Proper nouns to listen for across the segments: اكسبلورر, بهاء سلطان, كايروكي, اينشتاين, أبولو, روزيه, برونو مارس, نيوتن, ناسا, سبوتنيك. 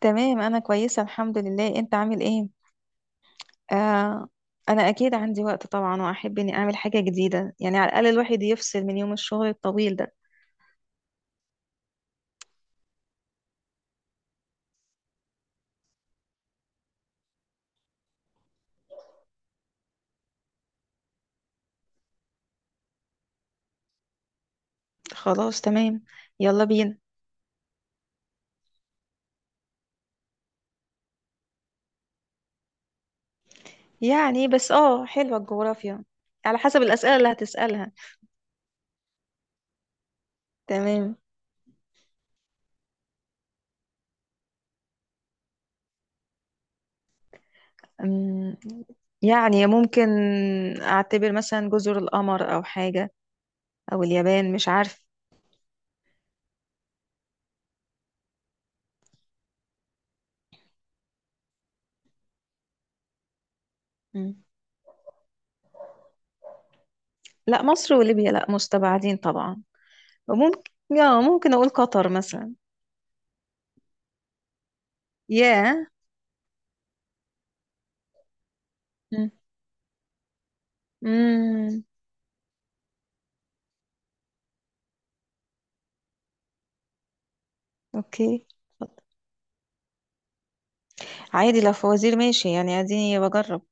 تمام، انا كويسه الحمد لله. انت عامل ايه؟ آه. انا اكيد عندي وقت طبعا، واحب اني اعمل حاجه جديده، يعني على الاقل الواحد يفصل من يوم الشغل الطويل ده. خلاص تمام. يلا بينا. يعني بس حلوه الجغرافيا، على حسب الاسئله اللي هتسالها. تمام. أم، يعني ممكن اعتبر مثلا جزر القمر او حاجه، او اليابان، مش عارف. مم. لا مصر وليبيا لا، مستبعدين طبعا. وممكن، اه ممكن اقول قطر مثلا. ياه. أمم. امم. اوكي. عادي، لو فوازير ماشي، يعني اديني بجرب.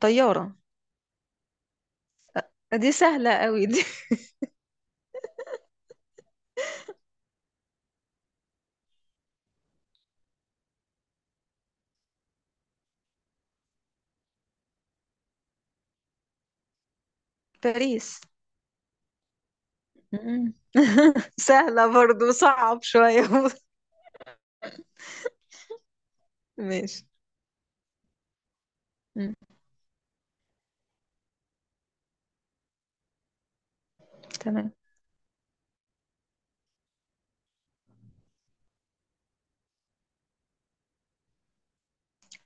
طيارة. دي سهلة قوي دي. باريس. مم. سهلة برضو، صعب شوية. ماشي. مم. تمام.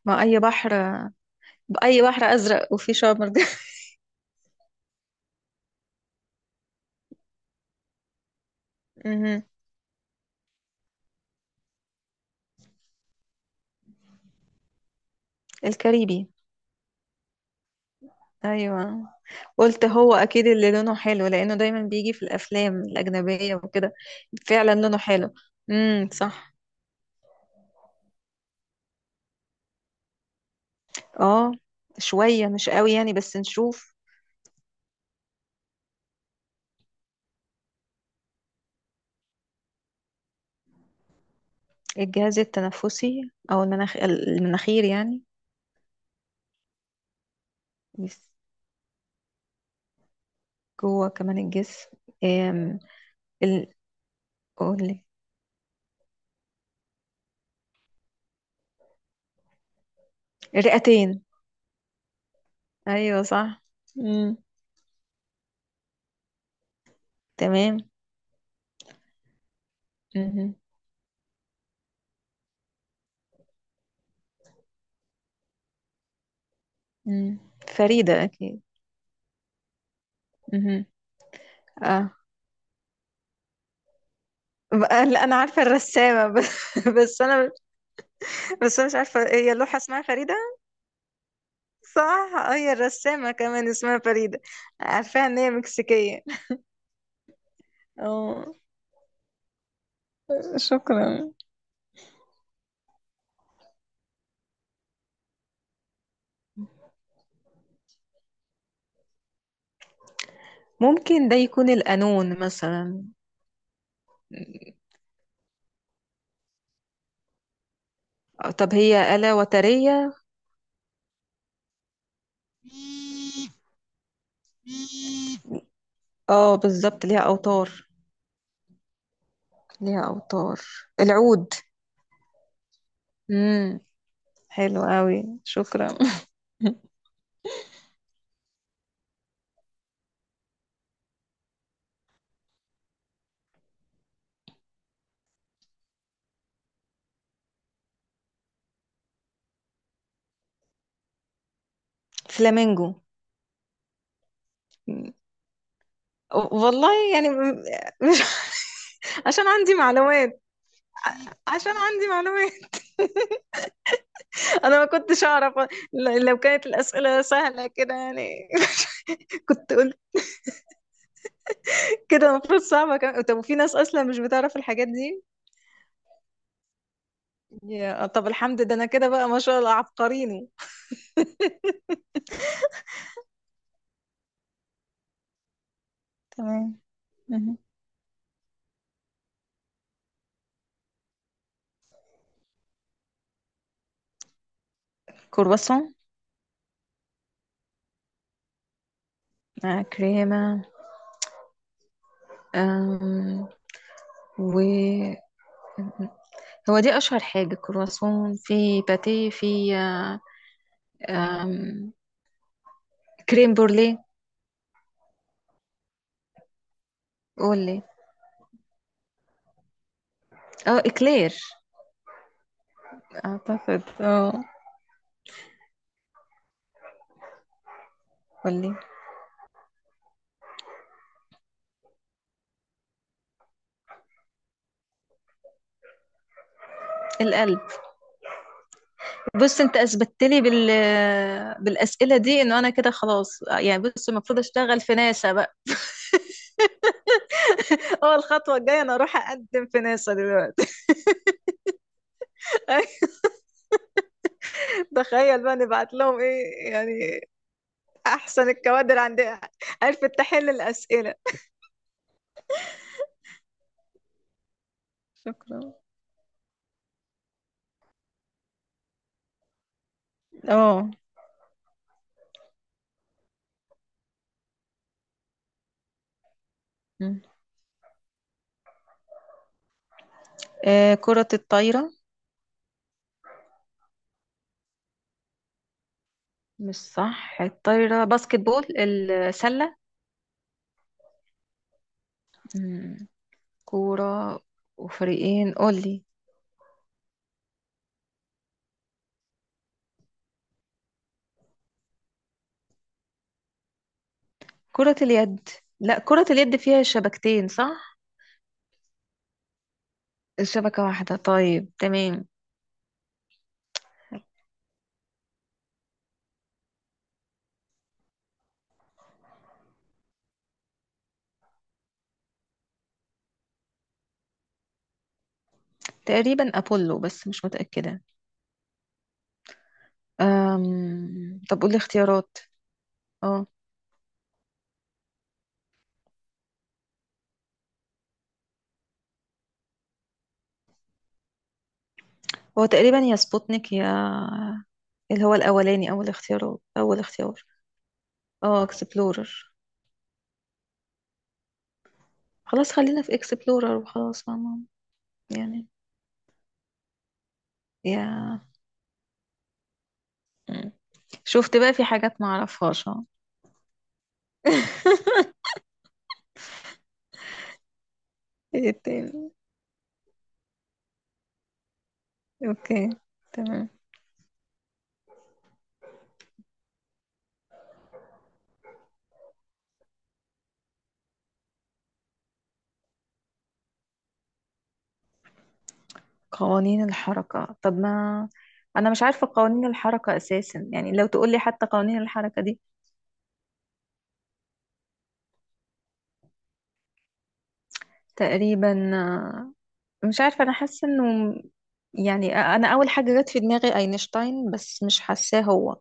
ما أي بحر؟ أي بحر أزرق وفيه شعاب مرجانية؟ مهم. الكاريبي. أيوة. قلت هو أكيد اللي لونه حلو، لأنه دايما بيجي في الأفلام الأجنبية وكده. فعلا لونه حلو. امم، صح. اه. شوية مش قوي يعني، بس نشوف. الجهاز التنفسي او المناخير يعني. بس جوه كمان الجسم. أم، ال... قولي. الرئتين. ايوه صح. مم. تمام. مهم. مم. فريدة اكيد. مهم. اه. لا، انا عارفة الرسامة. بس انا، بس انا مش عارفة هي اللوحة اسمها فريدة. صح. هي الرسامة كمان اسمها فريدة. عارفاها ان هي مكسيكية. اه. شكرا. ممكن ده يكون القانون مثلا. طب هي آلة وترية؟ اه بالظبط، ليها أوتار. ليها أوتار. العود. امم. حلو قوي، شكرا. فلامينجو. مم. والله يعني مش. عشان عندي معلومات. عشان عندي معلومات. انا ما كنتش اعرف. لو كانت الاسئله سهله كده يعني. كنت قلت كده المفروض صعبه كمان. طب، وفي ناس اصلا مش بتعرف الحاجات دي. يا طب الحمد، ده انا كده بقى ما شاء الله عبقريني. تمام. مهم. كرواسون. مع كريمة. آم، و هو دي أشهر حاجة، كرواسون، في باتيه، في آه، آم، كريم بورليه. قولي. اه، إكلير. أعتقد، اه. قولي. القلب. بص انت اثبتت لي بالاسئله دي انه انا كده خلاص، يعني بص المفروض اشتغل في ناسا بقى. اه، الخطوه الجايه انا اروح اقدم في ناسا دلوقتي. تخيل بقى نبعت لهم ايه يعني، احسن الكوادر عندها، عرفت تحل الاسئله. شكرا. اه. مم. كرة الطايرة. مش صح الطايرة، باسكت بول، السلة. مم. كورة وفريقين، قولي. كرة اليد. لا كرة اليد فيها شبكتين، صح؟ الشبكة واحدة، طيب تمام. تقريبا أبولو، بس مش متأكدة. طب قولي اختيارات. اه. هو تقريبا يا سبوتنيك يا اللي هو الأولاني، أول اختيار، أول اختيار. اه، اكسبلورر. خلاص، خلينا في اكسبلورر وخلاص، فاهمة. يعني، يا. مم. شفت بقى في حاجات ما اعرفهاش، اه. ايه التاني؟ اوكي. تمام. قوانين الحركة؟ طب ما انا مش عارفة قوانين الحركة اساسا، يعني لو تقولي حتى قوانين الحركة دي. تقريبا. مش عارفة، انا حاسة انه يعني انا اول حاجة جت في دماغي اينشتاين، بس مش حاساه هو.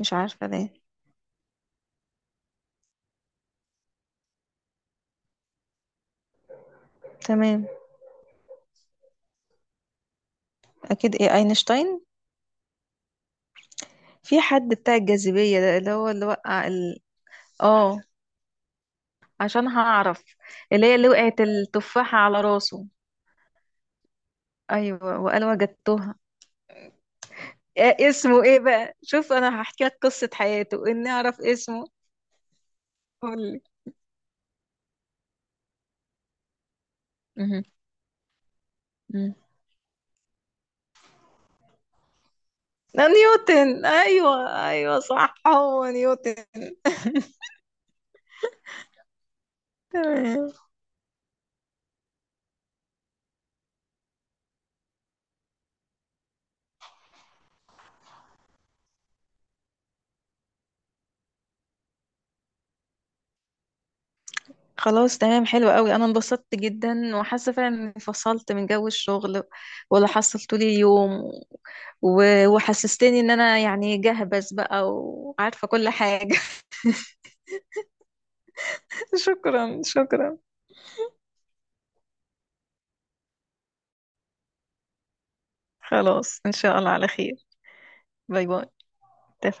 مش عارفة ليه. تمام. اكيد، ايه اينشتاين؟ في حد بتاع الجاذبية ده، اللي هو اللي وقع. اه، عشان هعرف. اللي هي اللي وقعت التفاحة على راسه. ايوه، وقال وجدتها. إيه اسمه، ايه بقى، شوف انا هحكي لك قصة حياته اني اعرف اسمه. قولي. مهم. مم. ده نيوتن، ايوه ايوه، صح هو نيوتن. تمام. خلاص تمام، حلو قوي، انا انبسطت جدا وحاسه فعلا اني فصلت من جو الشغل ولا حصلت لي اليوم. وحسستني ان انا يعني جهبذ بقى وعارفه كل حاجه. شكرا شكرا. خلاص ان شاء الله على خير. باي باي. اتفقنا.